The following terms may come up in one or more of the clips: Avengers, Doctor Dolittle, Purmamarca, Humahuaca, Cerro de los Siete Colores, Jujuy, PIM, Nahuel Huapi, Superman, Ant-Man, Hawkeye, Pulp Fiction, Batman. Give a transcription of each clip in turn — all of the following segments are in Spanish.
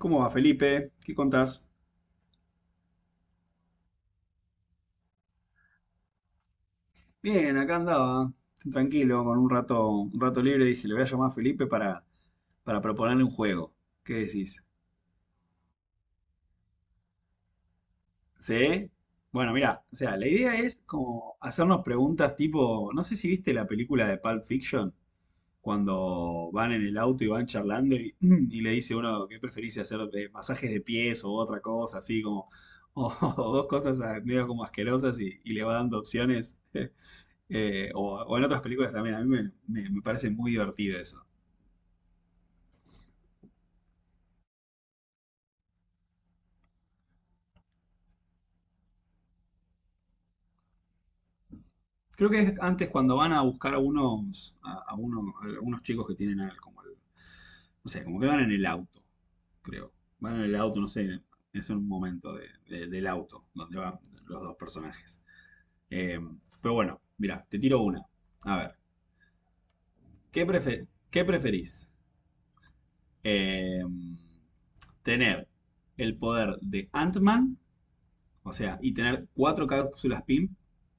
¿Cómo va, Felipe? ¿Qué contás? Bien, acá andaba, tranquilo, con un rato libre, dije, le voy a llamar a Felipe para proponerle un juego. ¿Qué decís? ¿Sí? Bueno, mira, o sea, la idea es como hacernos preguntas tipo, no sé si viste la película de Pulp Fiction, cuando van en el auto y van charlando y le dice uno, ¿qué preferís hacer? ¿Masajes de pies o otra cosa? Así como, o, dos cosas medio como asquerosas y le va dando opciones. O en otras películas también. A mí me parece muy divertido eso. Creo que es antes cuando van a buscar a a a algunos chicos que tienen como no sé, como que van en el auto, creo. Van en el auto, no sé, es un momento del auto donde van los dos personajes. Eh, pero bueno, mira, te tiro una. A ver, ¿qué preferís? Eh, tener el poder de Ant-Man, o sea, y tener cuatro cápsulas PIM. O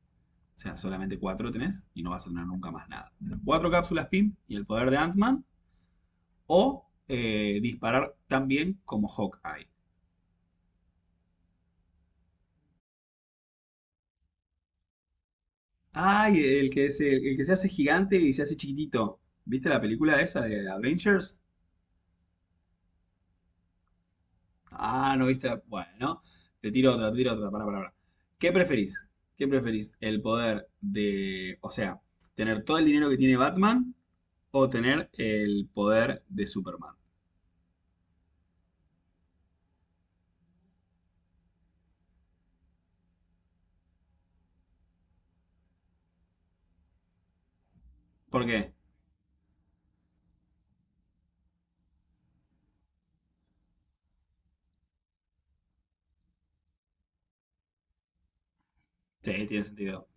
sea, solamente cuatro tenés y no vas a tener nunca más nada. Cuatro cápsulas PIM y el poder de Ant-Man o disparar tan bien como Hawkeye. Ay, el que se hace gigante y se hace chiquitito. ¿Viste la película esa de Avengers? Ah, no viste. Bueno, te tiro otra, te tiro otra. Para, para. ¿Qué preferís? ¿Qué preferís? ¿El poder de? O sea, tener todo el dinero que tiene Batman o tener el poder de Superman? ¿Por qué? Sí, tiene sentido.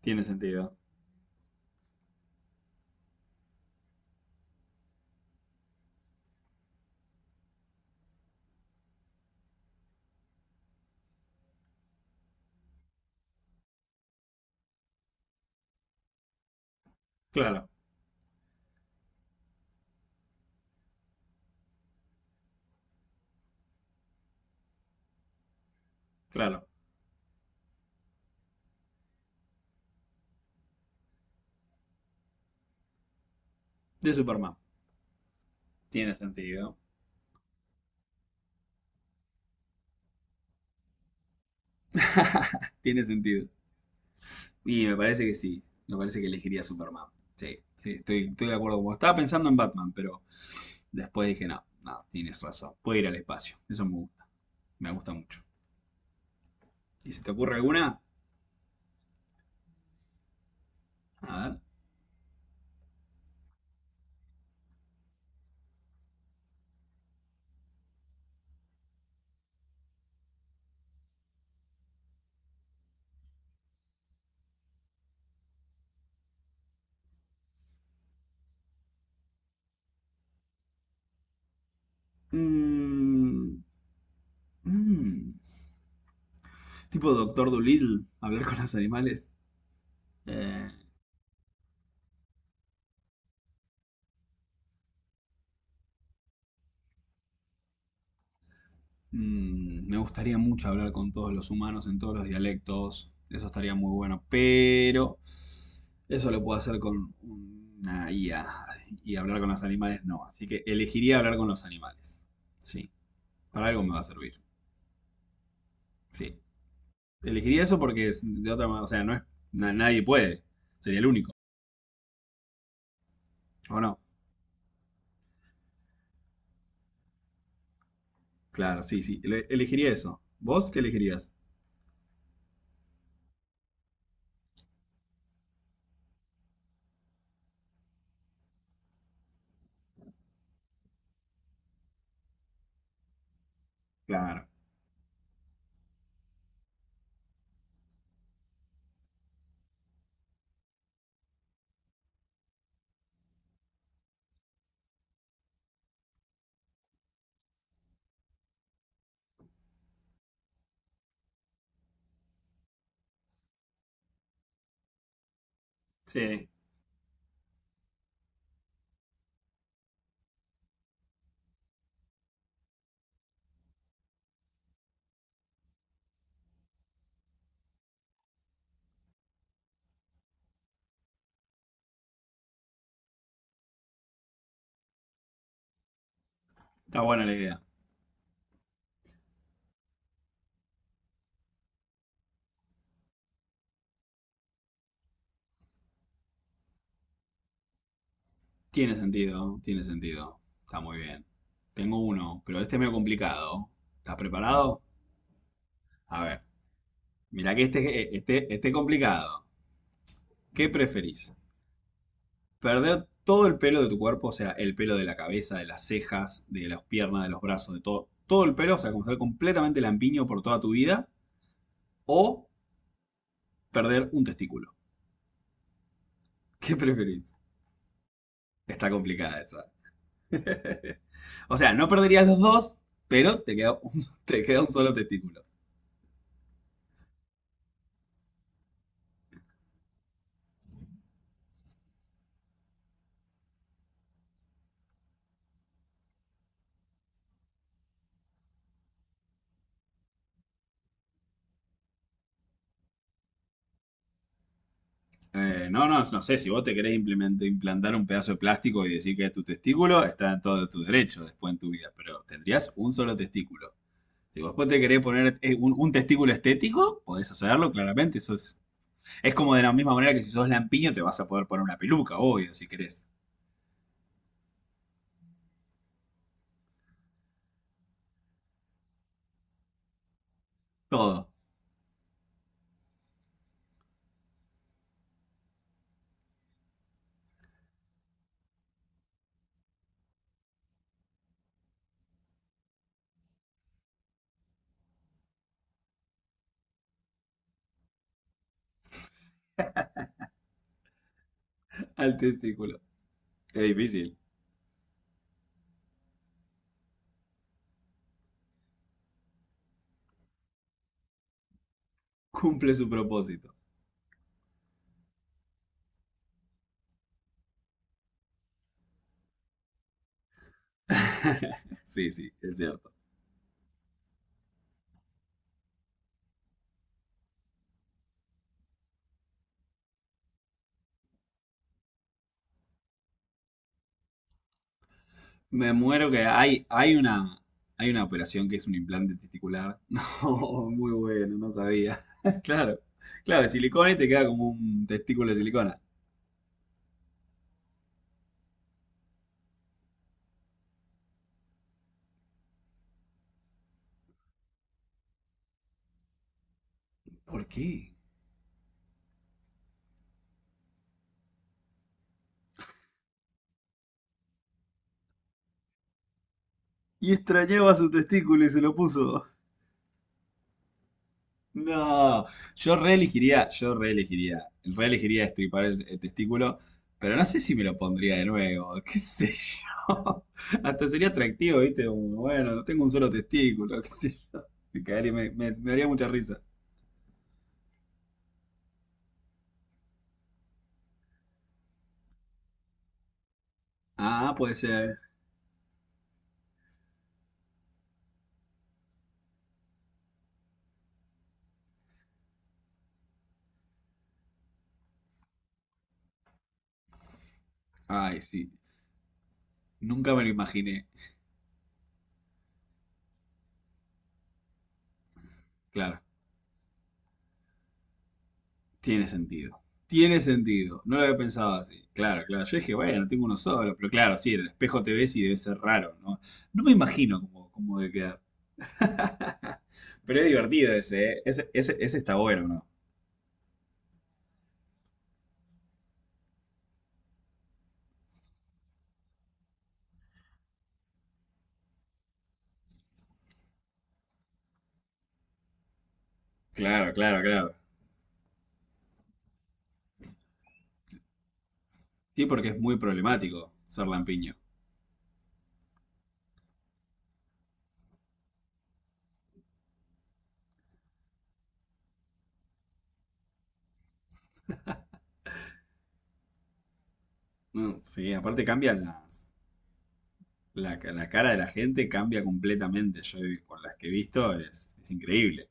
Tiene sentido. Claro. Claro, de Superman. Tiene sentido. Tiene sentido. Y me parece que sí. Me parece que elegiría Superman. Sí, sí, estoy de acuerdo con vos. Estaba pensando en Batman, pero después dije, no, no, tienes razón. Puede ir al espacio. Eso me gusta. Me gusta mucho. ¿Y si te ocurre alguna? A ver. Mm, mm. Tipo Doctor Dolittle, hablar con los animales. Eh, Mm, me gustaría mucho hablar con todos los humanos en todos los dialectos. Eso estaría muy bueno. Pero eso lo puedo hacer con una IA. Y hablar con los animales no. Así que elegiría hablar con los animales. Sí. Para algo me va a servir. Sí. Elegiría eso porque es de otra manera. O sea, no es, nadie puede. Sería el único. ¿O no? Claro, sí, sí. Elegiría eso. ¿Vos qué elegirías? Claro. Sí. Está buena la idea. Tiene sentido, tiene sentido. Está muy bien. Tengo uno, pero este es medio complicado. ¿Estás preparado? A ver, mira que este complicado. ¿Qué preferís? ¿Perder todo el pelo de tu cuerpo? O sea, el pelo de la cabeza, de las cejas, de las piernas, de los brazos, de todo. Todo el pelo, o sea, como estar completamente lampiño por toda tu vida. O perder un testículo. ¿Qué preferís? Está complicada esa. O sea, no perderías los dos, pero te queda un, te queda un solo testículo. No sé, si vos te querés implantar un pedazo de plástico y decir que es tu testículo, está en todo tu derecho después en tu vida, pero tendrías un solo testículo. Si vos después te querés poner un testículo estético, podés hacerlo, claramente. Eso es como de la misma manera que si sos lampiño te vas a poder poner una peluca, obvio, si querés. Todo al testículo. Es difícil. Cumple su propósito. Sí, sí, es cierto. Me muero que hay una operación que es un implante testicular. No, muy bueno, no sabía. Claro, claro, de silicona y te queda como un testículo de silicona. ¿Por qué? Y extrañaba su testículo y se lo puso. No, reelegiría estripar el testículo, pero no sé si me lo pondría de nuevo, qué sé yo. Hasta sería atractivo, ¿viste? Como, bueno, tengo un solo testículo, qué sé yo. Me, cagaría- me me- me daría mucha risa. Ah, puede ser. Ay, sí. Nunca me lo imaginé. Claro, tiene sentido. Tiene sentido. No lo había pensado así. Claro, claro. Yo dije, bueno, tengo uno solo. Pero claro, sí, en el espejo te ves y debe ser raro, ¿no? No me imagino cómo debe quedar. Pero es divertido ese, ¿eh? Ese está bueno, ¿no? Claro, claro, claro. Sí, porque es muy problemático ser lampiño. Mm, sí, aparte cambian la cara de la gente cambia completamente. Con las que he visto es increíble.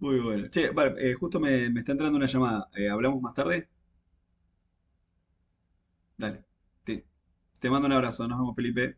Muy bueno. Che, vale, justo me está entrando una llamada. ¿Hablamos más tarde? Dale. Te, te mando un abrazo. Nos vemos, Felipe.